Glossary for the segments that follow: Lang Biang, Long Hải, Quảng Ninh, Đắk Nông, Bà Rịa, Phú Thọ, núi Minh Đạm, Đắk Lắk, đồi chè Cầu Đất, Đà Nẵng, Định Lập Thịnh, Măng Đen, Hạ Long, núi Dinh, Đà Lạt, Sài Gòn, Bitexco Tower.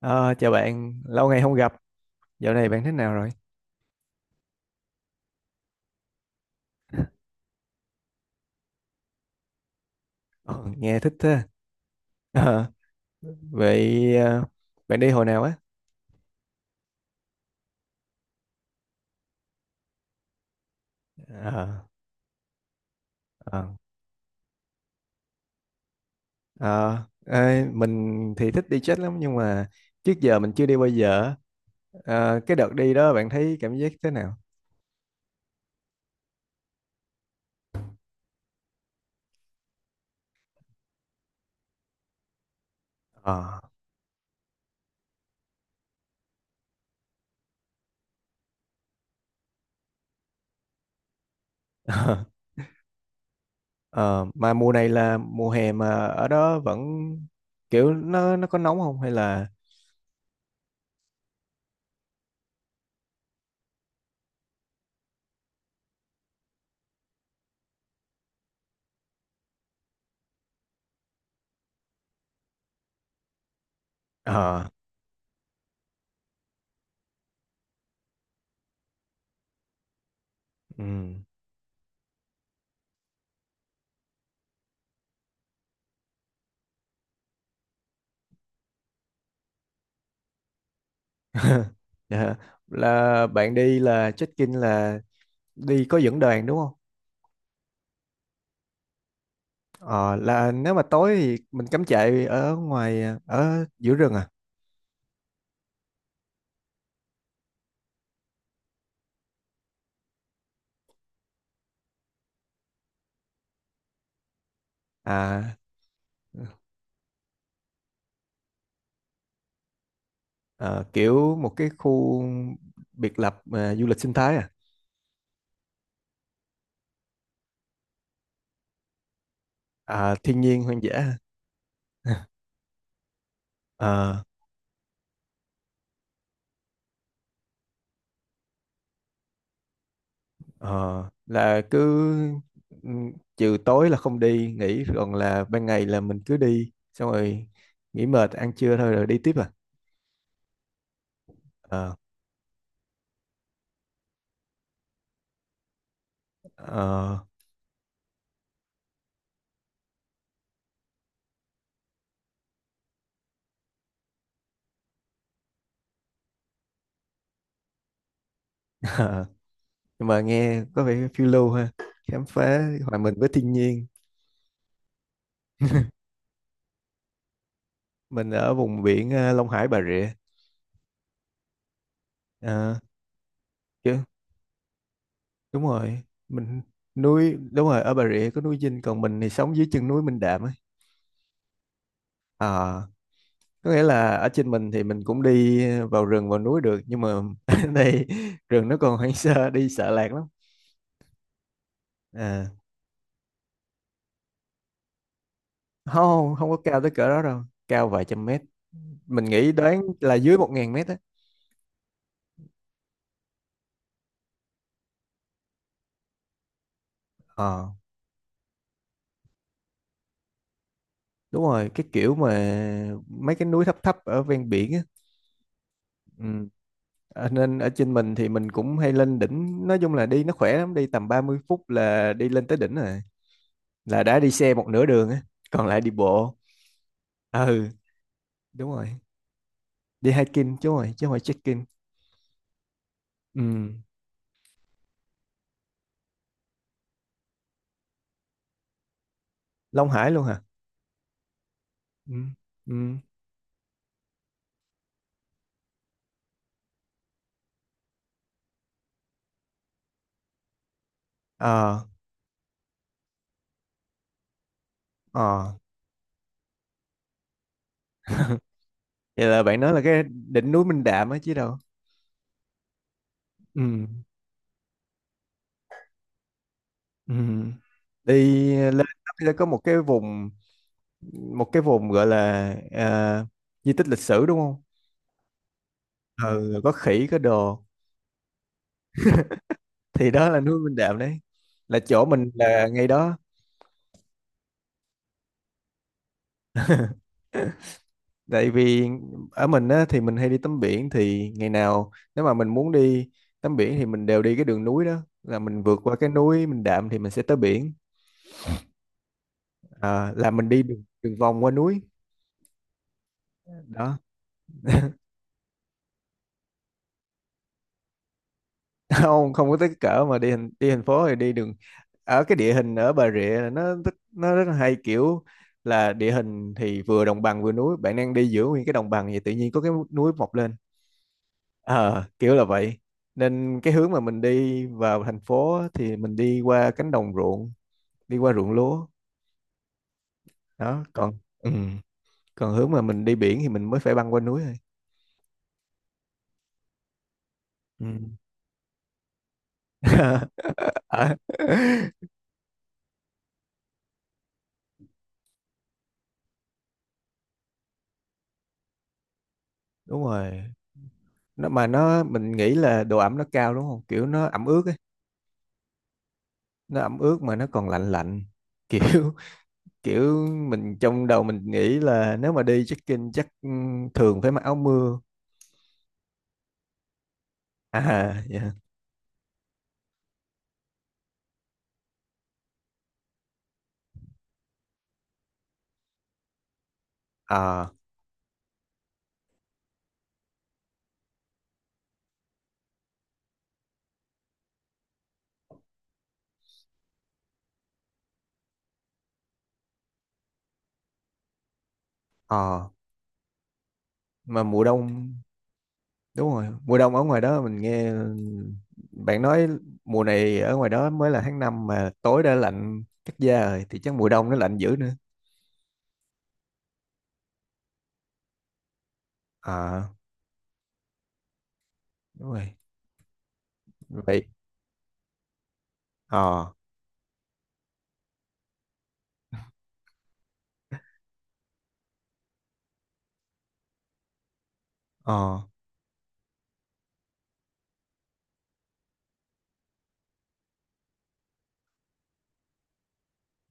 Ờ, Chào bạn, lâu ngày không gặp, dạo này bạn thế nào rồi? Ờ, Nghe thích thế. Ờ, Vậy bạn đi hồi nào á? Ờ, ờ. Ờ, Ê, mình thì thích đi chết lắm nhưng mà trước giờ mình chưa đi bao giờ. Cái đợt đi đó bạn thấy cảm giác thế nào? Ờ, ờ, mà mùa này là mùa hè mà ở đó vẫn kiểu nó có nóng không hay là ờ ừ. Dạ. Là bạn đi là check-in là đi có dẫn đoàn đúng không? Ờ, là nếu mà tối thì mình cắm trại ở ngoài ở giữa rừng à? À, ờ, kiểu một cái khu biệt lập à, du lịch sinh thái à, à thiên nhiên hoang dã, hả? Ờ, ờ, là cứ ừ, trừ tối là không đi nghỉ còn là ban ngày là mình cứ đi xong rồi nghỉ mệt ăn trưa thôi rồi đi tiếp à? Ờ, ờ. Nhưng mà nghe có vẻ phiêu lưu ha, khám phá hòa mình với thiên nhiên. Mình ở vùng biển, à, Long Hải Bà Rịa. À, chứ đúng rồi. Mình nuôi đúng rồi, ở Bà Rịa có núi Dinh, còn mình thì sống dưới chân núi Minh Đạm ấy. À, có nghĩa là ở trên mình thì mình cũng đi vào rừng vào núi được, nhưng mà ở đây rừng nó còn hoang sơ, đi sợ lạc lắm. À, không, không có cao tới cỡ đó đâu. Cao vài trăm mét, mình nghĩ đoán là dưới 1.000 mét á. Ờ, đúng rồi, cái kiểu mà mấy cái núi thấp thấp ở ven biển á. Ừ. À, nên ở trên mình thì mình cũng hay lên đỉnh, nói chung là đi nó khỏe lắm, đi tầm 30 phút là đi lên tới đỉnh rồi, là đã đi xe một nửa đường á, còn lại đi bộ. Ừ. Đúng rồi, đi hiking chứ rồi chứ không phải trekking. Ừ. Long Hải luôn hả? Ừ. Ừ. ờ ờ Vậy là bạn nói là cái đỉnh núi Minh Đạm á chứ đâu? Ừ. Ừ. Đi lên nó có một cái vùng, một cái vùng gọi là, à, di tích lịch sử đúng không? Ừ, có khỉ có đồ thì đó là núi Minh Đạm đấy. Là chỗ mình là ngay đó. Tại vì ở mình á, thì mình hay đi tắm biển, thì ngày nào nếu mà mình muốn đi tắm biển thì mình đều đi cái đường núi đó, là mình vượt qua cái núi Minh Đạm thì mình sẽ tới biển. À, là mình đi đường, đường vòng qua núi đó. Không, không có tới cái cỡ mà đi thành, đi thành phố thì đi đường. Ở cái địa hình ở Bà Rịa là nó rất là hay, kiểu là địa hình thì vừa đồng bằng vừa núi, bạn đang đi giữa nguyên cái đồng bằng thì tự nhiên có cái núi mọc lên. Ờ, Kiểu là vậy, nên cái hướng mà mình đi vào thành phố á, thì mình đi qua cánh đồng ruộng, đi qua ruộng lúa đó, còn. Ừ. Còn hướng mà mình đi biển thì mình mới phải băng qua núi thôi. Ừ. Ờ, Đúng rồi, nó mà nó mình nghĩ là độ ẩm nó cao đúng không, kiểu nó ẩm ướt ấy. Nó ẩm ướt mà nó còn lạnh lạnh. kiểu kiểu mình trong đầu mình nghĩ là nếu mà đi trekking chắc thường phải mặc áo mưa. À, dạ. ờ ờ mà mùa đông, đúng rồi, mùa đông ở ngoài đó mình nghe bạn nói mùa này ở ngoài đó mới là tháng 5 mà tối đã lạnh cắt da rồi thì chắc mùa đông nó lạnh dữ nữa. À, đúng rồi, vậy. ờ ờ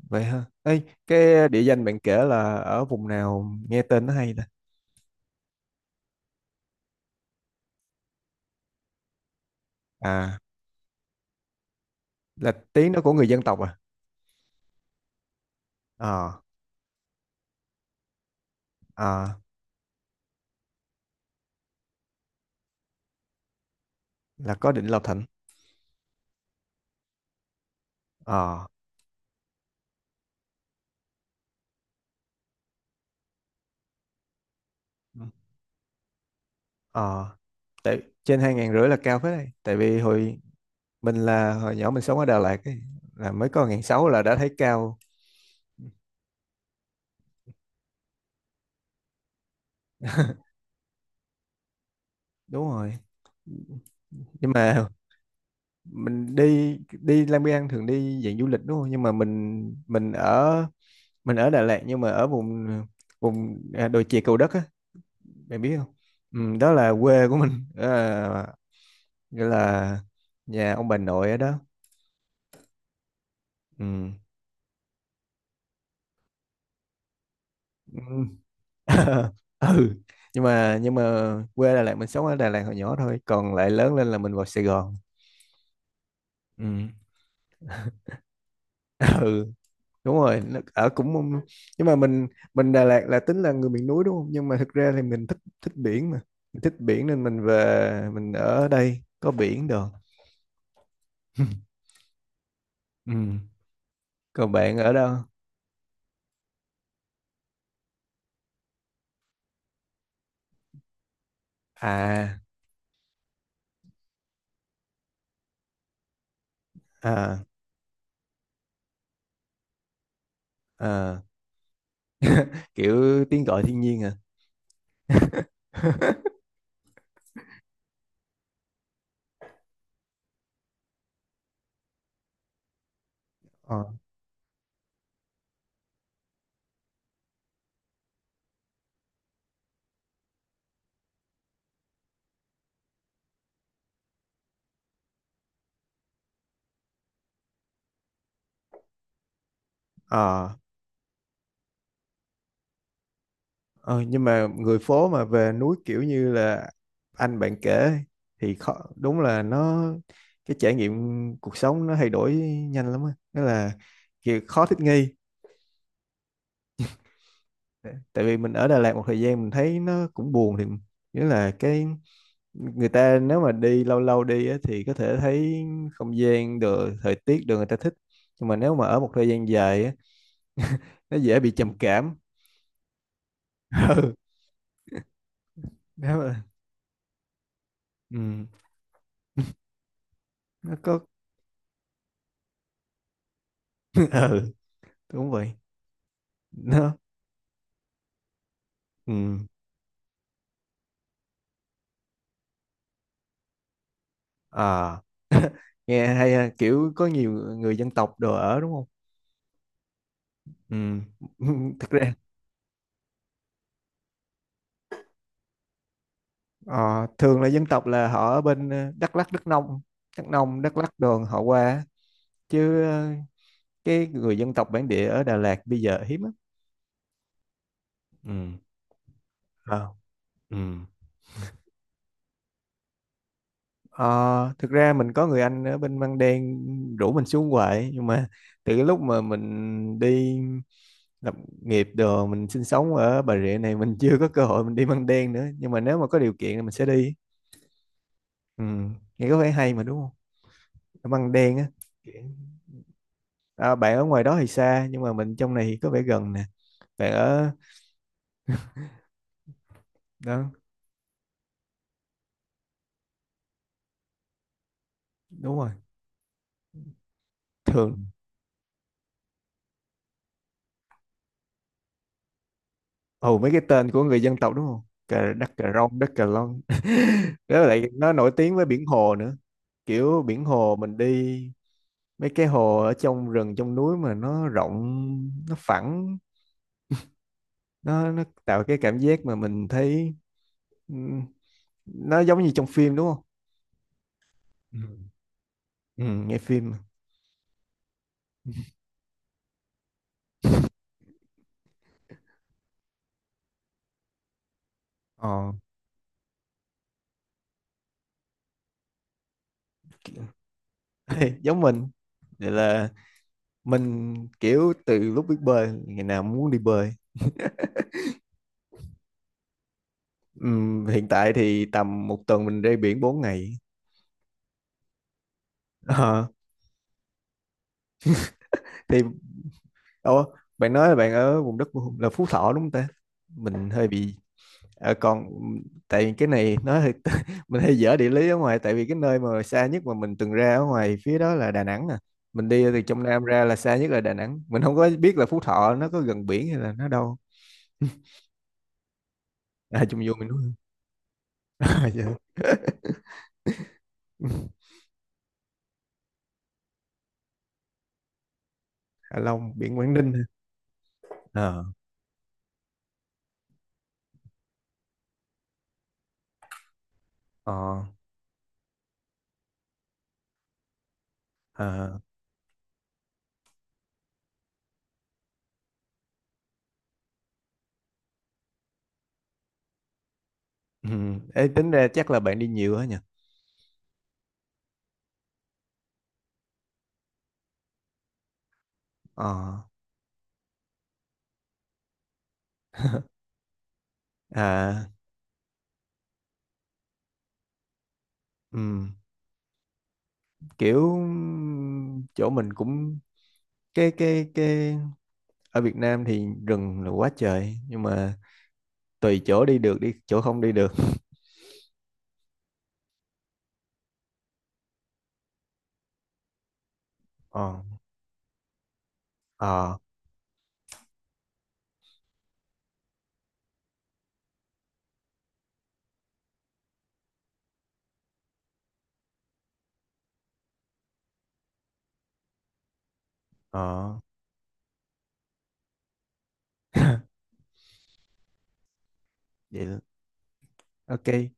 Vậy ha, ê, cái địa danh bạn kể là ở vùng nào, nghe tên nó hay ta? À, là tiếng nó của người dân tộc à? ờ ờ là có Định Lập Thịnh. ờ ờ Tại trên 2.500 là cao phết đây, tại vì hồi mình là hồi nhỏ mình sống ở Đà Lạt ấy, là mới có 1.600 là đã thấy cao. Đúng rồi, nhưng mà mình đi đi Lang Biang thường đi dạng du lịch đúng không, nhưng mà mình ở Đà Lạt, nhưng mà ở vùng vùng à, đồi chè Cầu Đất á, bạn biết không? Ừ, đó là quê của mình. À, nghĩa là nhà ông bà nội ở đó. Ừ. Ừ. Ừ, nhưng mà quê Đà Lạt mình sống ở Đà Lạt hồi nhỏ thôi, còn lại lớn lên là mình vào Sài Gòn. Ừ. Ừ, đúng rồi. Nhưng mà mình Đà Lạt là tính là người miền núi đúng không, nhưng mà thực ra thì mình thích thích biển, mà mình thích biển nên mình về mình ở đây có biển được. Ừ. Còn bạn ở đâu? À, à, à, kiểu tiếng gọi thiên nhiên à. ờ ờ ờ, nhưng mà người phố mà về núi kiểu như là anh bạn kể thì khó, đúng là nó, cái trải nghiệm cuộc sống nó thay đổi nhanh lắm á, đó là kiểu khó thích nghi. Tại vì mình ở Đà Lạt một thời gian mình thấy nó cũng buồn thì, nghĩa là cái người ta nếu mà đi lâu lâu đi á, thì có thể thấy không gian được, thời tiết được người ta thích, nhưng mà nếu mà ở một thời gian dài á, nó dễ bị trầm cảm. Ừ, nếu mà ừ, nó có. Ừ, đúng vậy, nó ừ. À, nghe hay ha, kiểu có nhiều người dân tộc đồ ở đúng không? Ừ. Thực ra. Ờ, Thường là dân tộc là họ ở bên Đắk Lắk, Đắk Nông, Đắk Nông, Đắk Lắk đường họ qua chứ, cái người dân tộc bản địa ở Đà Lạt bây giờ hiếm lắm. Ừ. Ờ. Ừ. Ờ, thực ra mình có người anh ở bên Măng Đen, rủ mình xuống hoài, nhưng mà từ cái lúc mà mình đi lập nghiệp đồ, mình sinh sống ở Bà Rịa này, mình chưa có cơ hội mình đi Măng Đen nữa, nhưng mà nếu mà có điều kiện thì mình sẽ đi. Ừ. Nghe có vẻ hay mà đúng không, ở Măng Đen á? À, bạn ở ngoài đó thì xa, nhưng mà mình trong này thì có vẻ gần nè, bạn ở đó. Đúng rồi, thường. Ồ, mấy cái tên của người dân tộc đúng không? Cà, đất cà rông, đất cà long. Đó, lại nó nổi tiếng với biển hồ nữa. Kiểu biển hồ mình đi, mấy cái hồ ở trong rừng trong núi mà nó rộng nó phẳng, nó tạo cái cảm giác mà mình thấy. Ừ, nó giống như trong phim đúng không? Ừ. Ừ, nghe phim mà. ờ Giống mình. Vậy là mình kiểu từ lúc biết bơi ngày nào muốn đi bơi. Hiện tại thì tầm một tuần mình ra biển 4 ngày. Ờ, thì ồ, bạn nói là bạn ở vùng đất là Phú Thọ đúng không ta? Mình hơi bị còn tại vì cái này nói hơi mình hơi dở địa lý ở ngoài, tại vì cái nơi mà xa nhất mà mình từng ra ở ngoài phía đó là Đà Nẵng nè. Mình đi từ trong Nam ra là xa nhất là Đà Nẵng. Mình không có biết là Phú Thọ nó có gần biển hay là nó đâu. À, chung vô mình đúng không? À, dạ. Hạ Long, biển Quảng Ninh, hả? Ờ. Ờ. À, ừ. Ê, tính ra chắc là bạn đi nhiều á nhỉ? Ờ. À, ừ. Kiểu chỗ mình cũng cái ở Việt Nam thì rừng là quá trời, nhưng mà tùy chỗ đi được, đi chỗ không đi được. Ờ, ờ, ờ. Vậy là- OK.